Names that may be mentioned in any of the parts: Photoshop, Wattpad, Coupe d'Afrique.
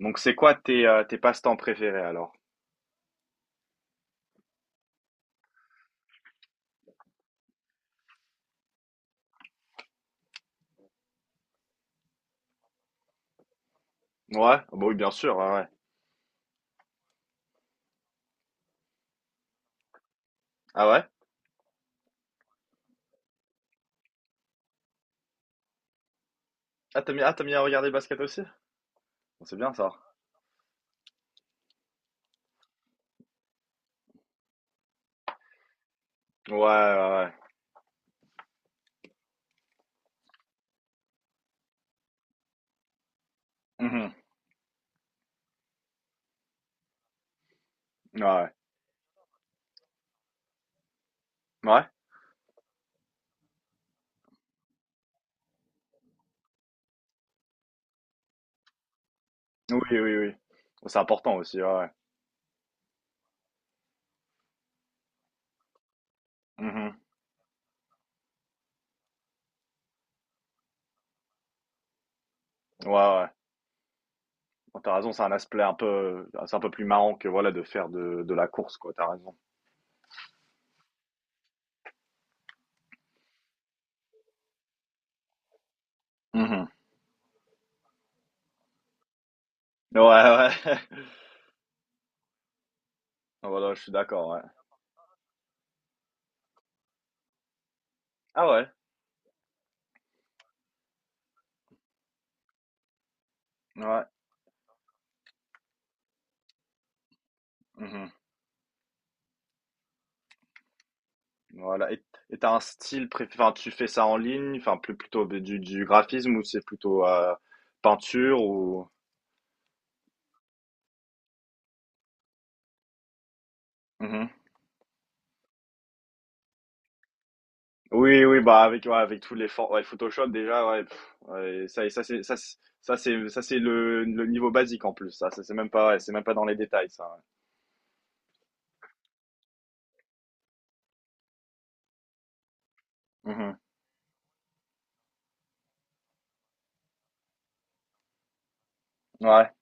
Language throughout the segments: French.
Donc c'est quoi tes, tes passe-temps préférés alors? Ouais? Bah, oui bien sûr, ouais, ouais. Ah ouais? Ah t'as mis ah t'as aimes bien regarder le basket aussi? Bon, c'est bien ça. Ouais, ouais, ouais. Mmh. Ouais, ouais. Ouais? Oui, oui, oui. C'est important aussi, ouais, ouais. Mmh. Ouais, ouais. Bah, tu raison, c'est un aspect un peu c'est un peu plus marrant que voilà de faire de la course quoi, t'as raison. Mmh. Ouais, ouais. Voilà, je suis d'accord, ouais. Ah ouais? Ouais. Mmh. Voilà. Et tu un style préf enfin, tu fais ça en ligne, enfin, plus plutôt du graphisme ou c'est plutôt, peinture ou? Mhm. Oui, oui, bah, avec ouais, avec tous les for ouais, Photoshop déjà, ouais, pff, ouais, ça ça c'est ça c'est ça c'est ça c'est le niveau basique en plus, ça. Ça, c'est même pas ouais, c'est même pas dans les détails ça, ouais. Mmh. Ouais.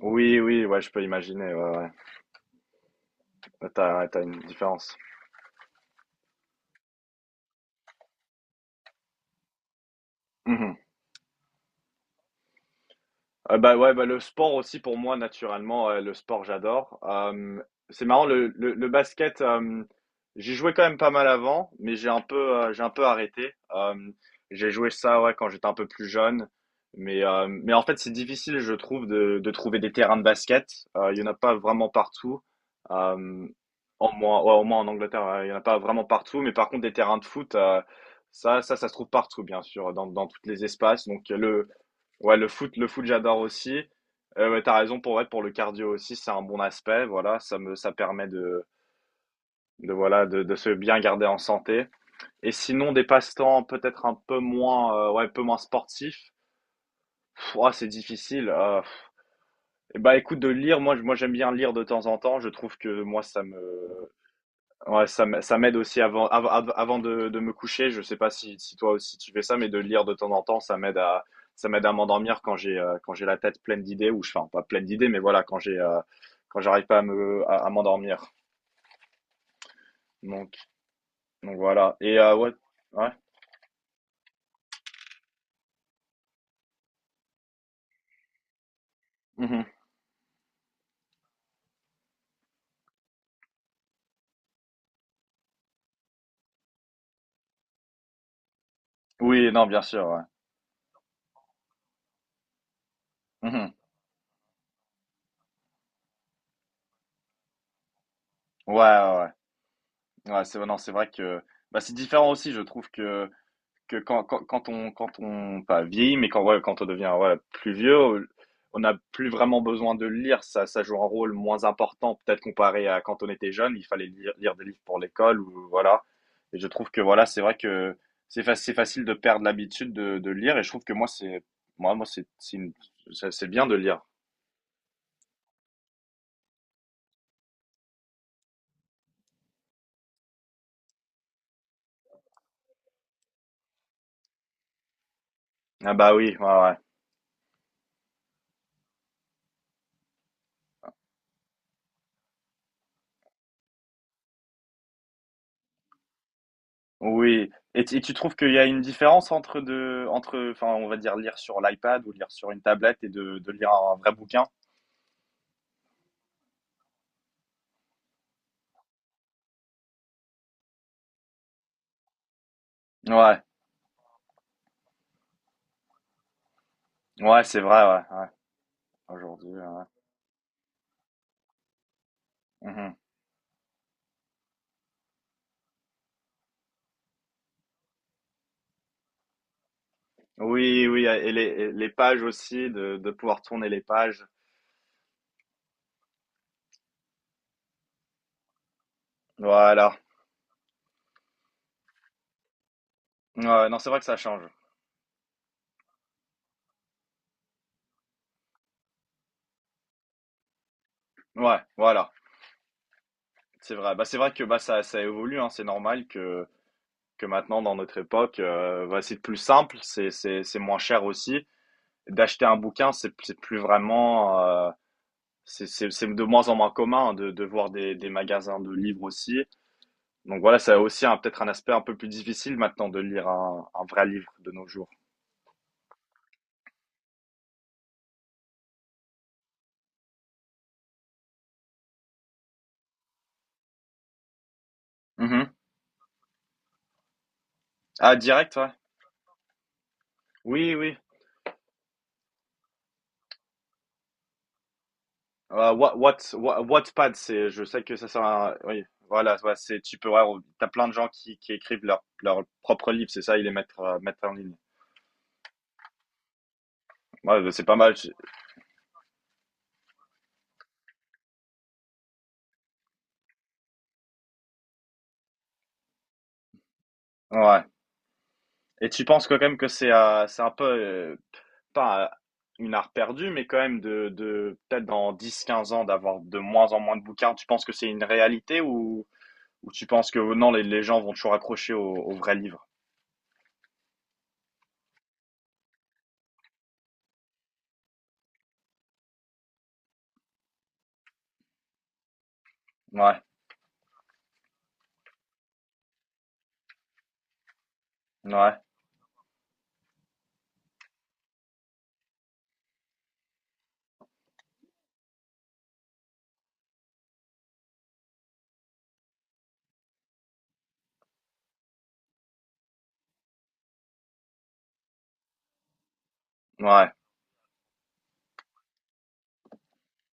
Oui, oui, ouais, je peux imaginer, ouais, ouais. T'as tu ouais, tu une différence. Mmh. Bah ouais, bah le sport aussi pour moi naturellement, le sport j'adore. C'est marrant le basket, j'y jouais quand même pas mal avant, mais j'ai un peu arrêté. J'ai joué ça ouais quand j'étais un peu plus jeune, mais en fait c'est difficile je trouve de trouver des terrains de basket. Il y en a pas vraiment partout. Euh, en moins ouais, au moins en Angleterre ouais, il y en a pas vraiment partout, mais par contre des terrains de foot ça se trouve partout bien sûr dans tous les espaces donc le ouais, le foot, j'adore aussi. Ouais, t'as raison pour ouais, pour le cardio aussi, c'est un bon aspect. Voilà, ça permet de voilà de se bien garder en santé. Et sinon des passe-temps peut-être un peu moins ouais un peu moins sportifs. Pff, ouah, c'est difficile. Bah écoute de lire, moi j'aime bien lire de temps en temps. Je trouve que moi ça me ouais, ça m'aide aussi avant de me coucher. Je sais pas si, si toi aussi tu fais ça, mais de lire de temps en temps, ça m'aide à m'endormir quand j'ai la tête pleine d'idées, ou je enfin, pas pleine d'idées, mais voilà, quand j'ai, quand j'arrive pas à m'endormir. Donc, donc voilà. Et, ouais, ouais. Mhm. Oui, non, bien sûr, ouais. Mhm. Ouais, ouais, ouais. Ouais, c'est, non, c'est vrai que, bah, c'est différent aussi, je trouve que quand on, quand on, pas vieillit, mais quand, ouais, quand on devient voilà, plus vieux, on n'a plus vraiment besoin de le lire. Ça joue un rôle moins important, peut-être comparé à quand on était jeune. Il fallait lire des livres pour l'école ou voilà. Et je trouve que voilà, c'est vrai que c'est facile de perdre l'habitude de lire. Et je trouve que moi, c'est moi, moi, c'est c'est une- c'est bien de lire. Ah bah oui, ouais, ouais. Oui. Et, et tu trouves qu'il y a une différence entre, enfin, on va dire lire sur l'iPad ou lire sur une tablette et de lire un vrai bouquin? Ouais. Ouais, c'est vrai, ouais, ouais. Aujourd'hui, ouais, ouais. Mhm. Oui, oui, et les pages aussi, de pouvoir tourner les pages. Voilà. Ouais, non, c'est vrai que ça change. Ouais, voilà. C'est vrai. Bah, c'est vrai que bah, ça évolue, hein. C'est normal que maintenant, dans notre époque, bah, c'est plus simple, c'est moins cher aussi. D'acheter un bouquin, c'est plus vraiment. C'est de moins en moins commun hein, de voir des magasins de livres aussi. Donc voilà, ça a aussi peut-être un aspect un peu plus difficile maintenant de lire un vrai livre de nos jours. Mhm. Ah direct, ouais. Oui, oui. Ah Wa what Wa Wattpad, c'est je sais que ça sert à oui, voilà, ouais, c'est tu peux ouais, t'as plein de gens qui écrivent leur propre livre c'est ça? Ils les mettent, mettent en ligne. Ouais, bah, c'est pas mal, tu ouais, et tu penses que quand même que c'est un peu, pas, une art perdue, mais quand même de peut-être dans dix quinze ans d'avoir de moins en moins de bouquins, tu penses que c'est une réalité ou tu penses que oh non, les gens vont toujours accrocher aux aux vrais livres? Ouais, ouais, ouais.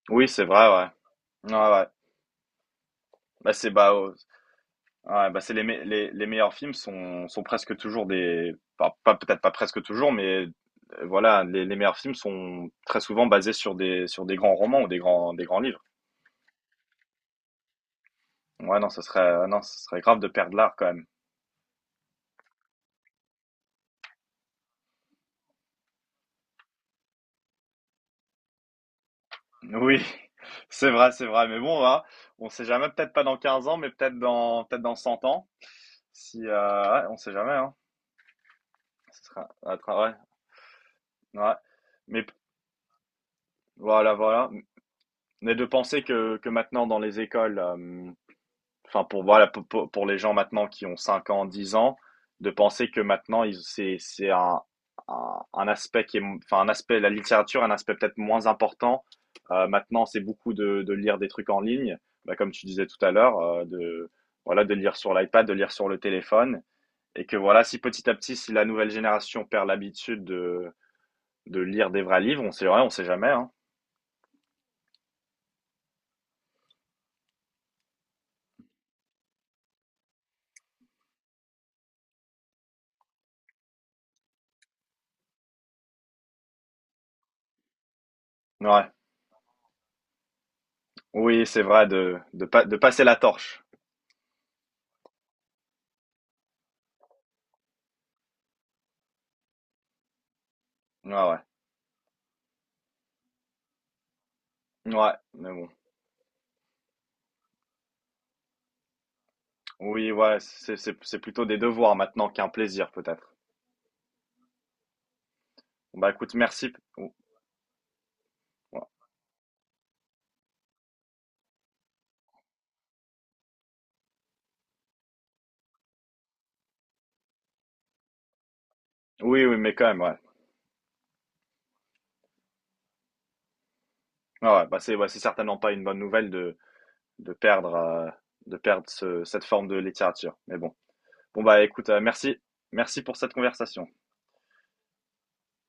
Oui, c'est vrai, ouais. Ouais, ouais. Bah, c'est bah, ouais, bah, c'est les, me- les meilleurs films sont, sont presque toujours des. Enfin, pas, peut-être pas presque toujours, mais voilà, les meilleurs films sont très souvent basés sur des grands romans ou des des grands livres. Ouais, non, ce serait, ah non, ce serait grave de perdre l'art quand même. Oui, c'est vrai, c'est vrai. Mais bon, voilà, on sait jamais, peut-être pas dans 15 ans, mais peut-être dans 100 ans. Si, ouais, on sait jamais, hein. Ce sera, ouais, ouais, ouais. Mais voilà. Mais de penser que maintenant dans les écoles, enfin pour voilà pour les gens maintenant qui ont 5 ans, 10 ans, de penser que maintenant c'est un, un aspect qui est enfin un aspect la littérature un aspect peut-être moins important. Maintenant c'est beaucoup de lire des trucs en ligne, bah, comme tu disais tout à l'heure, de voilà de lire sur l'iPad, de lire sur le téléphone, et que voilà si petit à petit si la nouvelle génération perd l'habitude de lire des vrais livres, on sait ouais, on sait jamais hein. Ouais. Oui, c'est vrai de pas de passer la torche. Ouais, ouais. Ouais, mais bon. Oui, ouais, c'est plutôt des devoirs maintenant qu'un plaisir peut-être. Bah écoute, merci. Ou- ouais. Oui, oui, mais quand même, ouais. Ouais, ouais, bah c'est ouais, c'est certainement pas une bonne nouvelle de perdre euh, de perdre cette forme de littérature. Mais bon. Bon bah écoute, merci. Merci pour cette conversation.